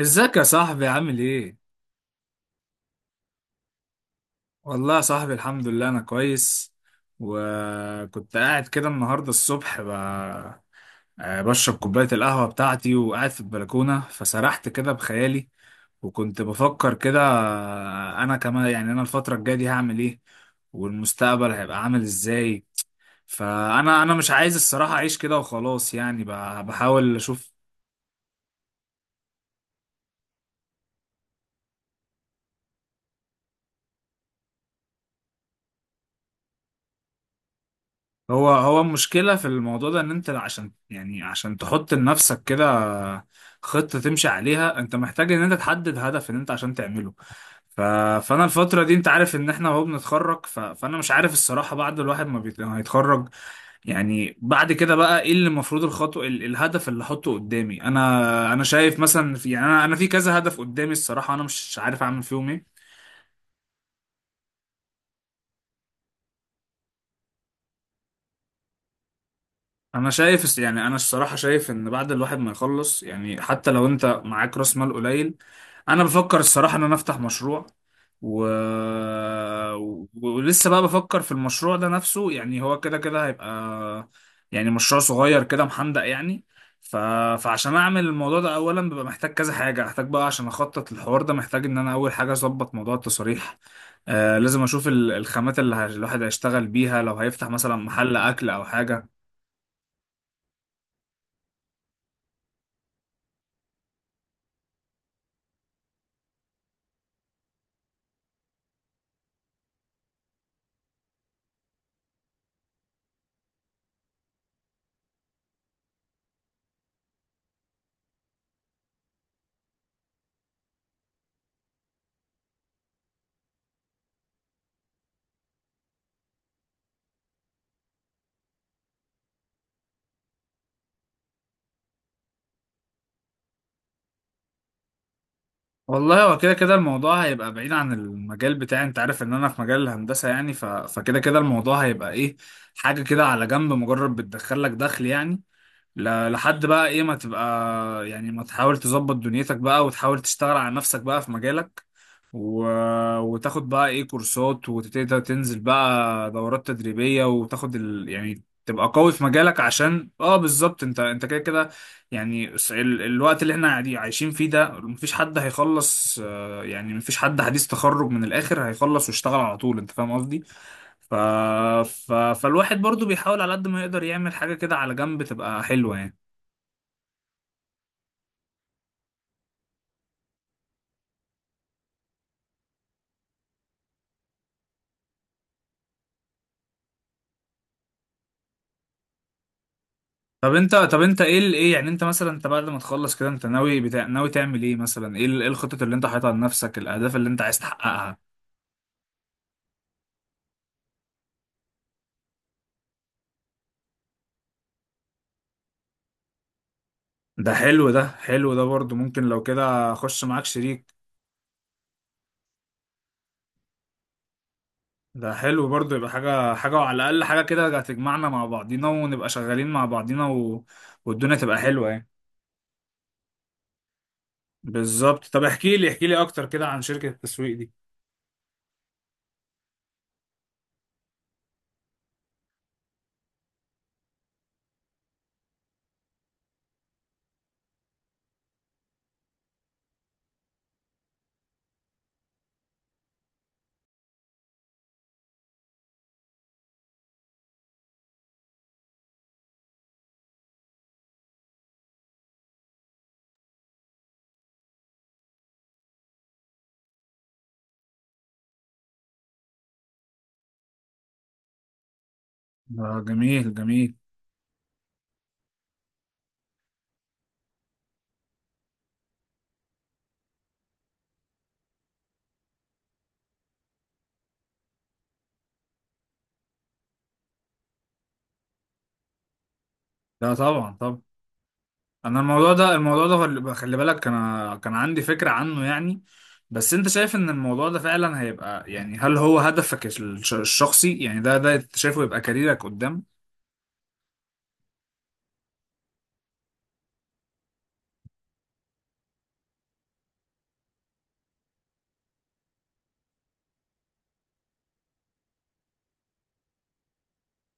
ازيك يا صاحبي عامل ايه؟ والله يا صاحبي، الحمد لله، انا كويس. وكنت قاعد كده النهارده الصبح ب... آه، بشرب كوباية القهوة بتاعتي وقاعد في البلكونة، فسرحت كده بخيالي. وكنت بفكر كده، انا كمان، يعني انا الفترة الجاية دي هعمل ايه، والمستقبل هيبقى عامل ازاي. فانا مش عايز الصراحة اعيش كده وخلاص، يعني بحاول اشوف. هو المشكلة في الموضوع ده، ان انت عشان، يعني عشان تحط لنفسك كده خطة تمشي عليها، انت محتاج ان انت تحدد هدف ان انت عشان تعمله. ف... فانا الفترة دي انت عارف ان احنا اهو بنتخرج. فانا مش عارف الصراحة، بعد الواحد ما هيتخرج، يعني بعد كده بقى ايه اللي المفروض الخطوة، الهدف اللي احطه قدامي. انا شايف مثلا، في، يعني انا في كذا هدف قدامي الصراحة، انا مش عارف اعمل فيهم ايه. انا شايف، يعني انا الصراحه شايف ان بعد الواحد ما يخلص، يعني حتى لو انت معاك راس مال قليل، انا بفكر الصراحه ان انا افتح مشروع. و... ولسه بقى بفكر في المشروع ده نفسه، يعني هو كده كده هيبقى، يعني مشروع صغير كده محندق يعني. ف... فعشان اعمل الموضوع ده اولا، ببقى محتاج كذا حاجه، محتاج بقى عشان اخطط الحوار ده، محتاج ان انا اول حاجه اظبط موضوع التصاريح. لازم اشوف الخامات اللي الواحد هيشتغل بيها لو هيفتح مثلا محل اكل او حاجه. والله، هو كده كده الموضوع هيبقى بعيد عن المجال بتاعي. انت عارف ان انا في مجال الهندسة يعني، فكده كده الموضوع هيبقى ايه، حاجة كده على جنب، مجرد بتدخل لك دخل يعني. لحد بقى ايه ما تبقى، يعني ما تحاول تظبط دنيتك بقى وتحاول تشتغل على نفسك بقى في مجالك، و... وتاخد بقى ايه كورسات وتبتدي تنزل بقى دورات تدريبية وتاخد يعني تبقى قوي في مجالك، عشان بالظبط انت كده كده. يعني الوقت اللي احنا قاعدين عايشين فيه ده، مفيش حد هيخلص، يعني مفيش حد حديث تخرج من الاخر هيخلص ويشتغل على طول. انت فاهم قصدي؟ ف... فالواحد برضو بيحاول على قد ما يقدر يعمل حاجة كده على جنب تبقى حلوة يعني. طب انت ايه، يعني انت مثلا، انت بعد ما تخلص كده انت ناوي ناوي تعمل ايه مثلا، ايه الخطط اللي انت حاططها لنفسك، الاهداف اللي انت عايز تحققها؟ ده حلو، ده حلو، ده برضو ممكن لو كده اخش معاك شريك. ده حلو برضو، يبقى حاجة حاجة، وعلى الاقل حاجة كده هتجمعنا مع بعضينا ونبقى شغالين مع بعضينا، والدنيا تبقى حلوة يعني. بالظبط. طب احكي لي، احكي لي اكتر كده عن شركة التسويق دي. ده جميل جميل. ده طبعا طبعا. انا الموضوع ده، الموضوع ده، خلي بالك انا كان عندي فكرة عنه يعني. بس انت شايف ان الموضوع ده فعلا هيبقى، يعني، هل هو هدفك الشخصي؟ يعني ده انت شايفه يبقى كاريرك قدام؟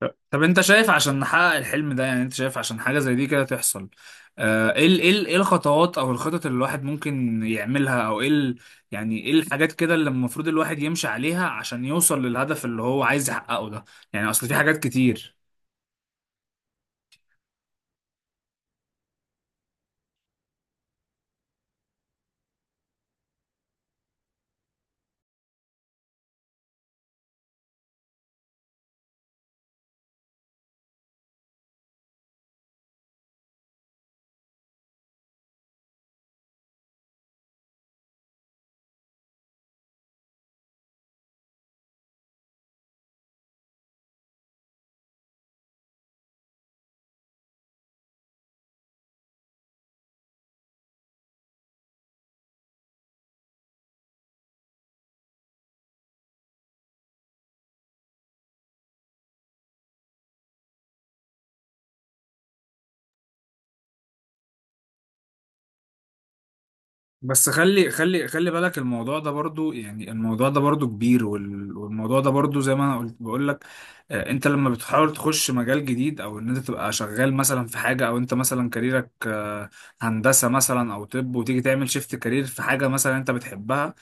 طب طب، انت شايف عشان نحقق الحلم ده، يعني انت شايف عشان حاجة زي دي كده تحصل، ايه الخطوات او الخطط اللي الواحد ممكن يعملها، او ايه يعني ايه الحاجات كده اللي المفروض الواحد يمشي عليها عشان يوصل للهدف اللي هو عايز يحققه ده؟ يعني اصل في حاجات كتير. بس خلي خلي خلي بالك الموضوع ده برضو، يعني الموضوع ده برضو كبير، والموضوع ده برضو زي ما انا قلت بقول لك، انت لما بتحاول تخش مجال جديد، او ان انت تبقى شغال مثلا في حاجه، او انت مثلا كاريرك، هندسه مثلا او طب، وتيجي تعمل شيفت كارير في حاجه مثلا انت بتحبها،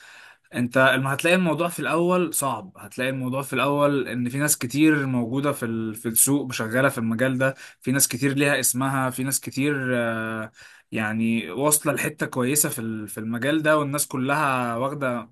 انت هتلاقي الموضوع في الاول صعب. هتلاقي الموضوع في الاول ان في ناس كتير موجوده في في السوق، شغاله في المجال ده، في ناس كتير ليها اسمها، في ناس كتير، يعني واصلة لحتة كويسة في في المجال ده، والناس كلها واخدة.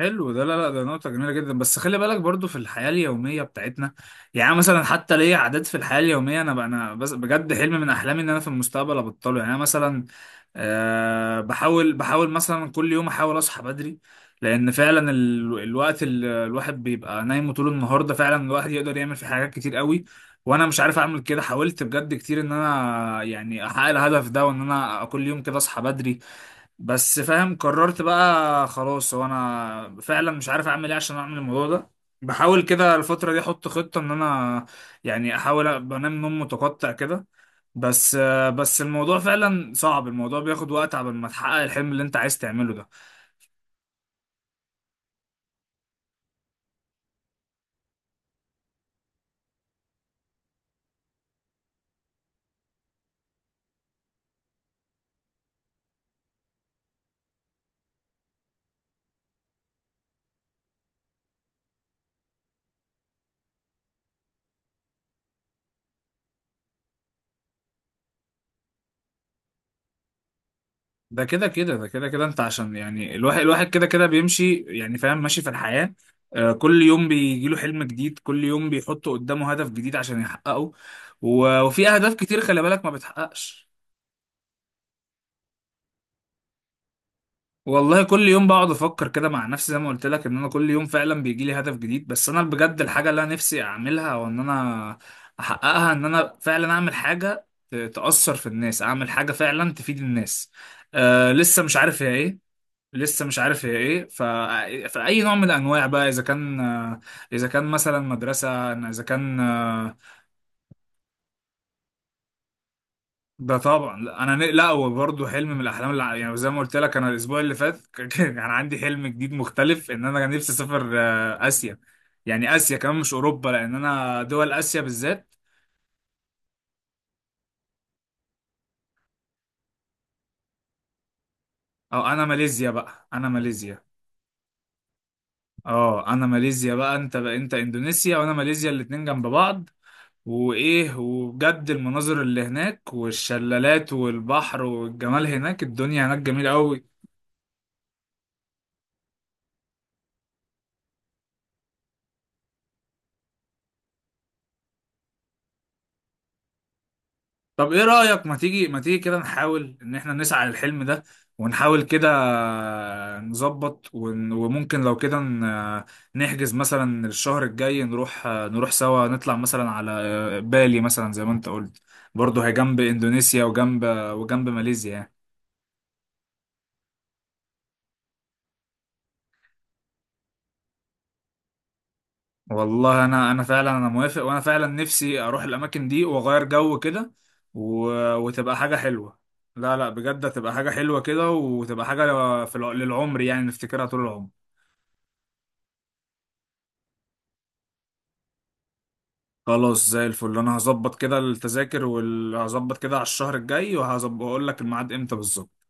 حلو ده، لا لا، ده نقطة جميلة جدا. بس خلي بالك برضو في الحياة اليومية بتاعتنا، يعني مثلا حتى ليا عادات في الحياة اليومية. أنا بقى، أنا بس بجد حلم من أحلامي إن أنا في المستقبل أبطله، يعني أنا مثلا أه بحاول بحاول مثلا كل يوم أحاول أصحى بدري، لأن فعلا الوقت اللي الواحد بيبقى نايم طول النهار ده، فعلا الواحد يقدر يعمل فيه حاجات كتير قوي. وأنا مش عارف أعمل كده، حاولت بجد كتير إن أنا يعني أحقق الهدف ده، وإن أنا كل يوم كده أصحى بدري، بس فاهم، قررت بقى خلاص، هو انا فعلا مش عارف اعمل ايه عشان اعمل الموضوع ده. بحاول كده الفترة دي احط خطة ان انا، يعني احاول بنام نوم متقطع كده. بس، بس الموضوع فعلا صعب، الموضوع بياخد وقت عبال ما تحقق الحلم اللي انت عايز تعمله ده. ده كده كده، ده كده كده انت، عشان يعني الواحد كده كده بيمشي، يعني فاهم ماشي في الحياة، كل يوم بيجيله حلم جديد، كل يوم بيحط قدامه هدف جديد عشان يحققه، وفي اهداف كتير خلي بالك ما بتحققش. والله كل يوم بقعد افكر كده مع نفسي زي ما قلت لك، ان انا كل يوم فعلا بيجي لي هدف جديد. بس انا بجد الحاجه اللي انا نفسي اعملها، وان انا احققها، ان انا فعلا اعمل حاجه تاثر في الناس، اعمل حاجه فعلا تفيد الناس. لسه مش عارف هي ايه. لسه مش عارف هي ايه، فاي نوع من الانواع بقى، اذا كان، اذا كان مثلا مدرسه، اذا كان، ده طبعا. لا انا لا، هو برضه حلم من الاحلام اللي يعني زي ما قلت لك، انا الاسبوع اللي فات كان يعني عندي حلم جديد مختلف، ان انا كان نفسي اسافر، اسيا، يعني اسيا كمان مش اوروبا، لان انا دول اسيا بالذات. او انا ماليزيا بقى، انا ماليزيا. اه، انا ماليزيا بقى، انت اندونيسيا، وانا ماليزيا، الاتنين جنب بعض. وايه، وبجد المناظر اللي هناك، والشلالات والبحر والجمال هناك، الدنيا هناك جميلة قوي. طب ايه رأيك، ما تيجي ما تيجي كده نحاول ان احنا نسعى للحلم ده، ونحاول كده نظبط، وممكن لو كده نحجز مثلا الشهر الجاي، نروح نروح سوا، نطلع مثلا على، بالي مثلا زي ما انت قلت، برضه هي جنب اندونيسيا وجنب، ماليزيا يعني. والله انا فعلا انا موافق، وانا فعلا نفسي اروح الاماكن دي واغير جو كده. وتبقى حاجة حلوة. لا لا، بجد هتبقى حاجة حلوة كده، وتبقى حاجة في للعمر، يعني نفتكرها طول العمر. خلاص زي الفل، انا هظبط كده التذاكر، وهظبط كده على الشهر الجاي، وهظبط واقول لك الميعاد امتى بالظبط.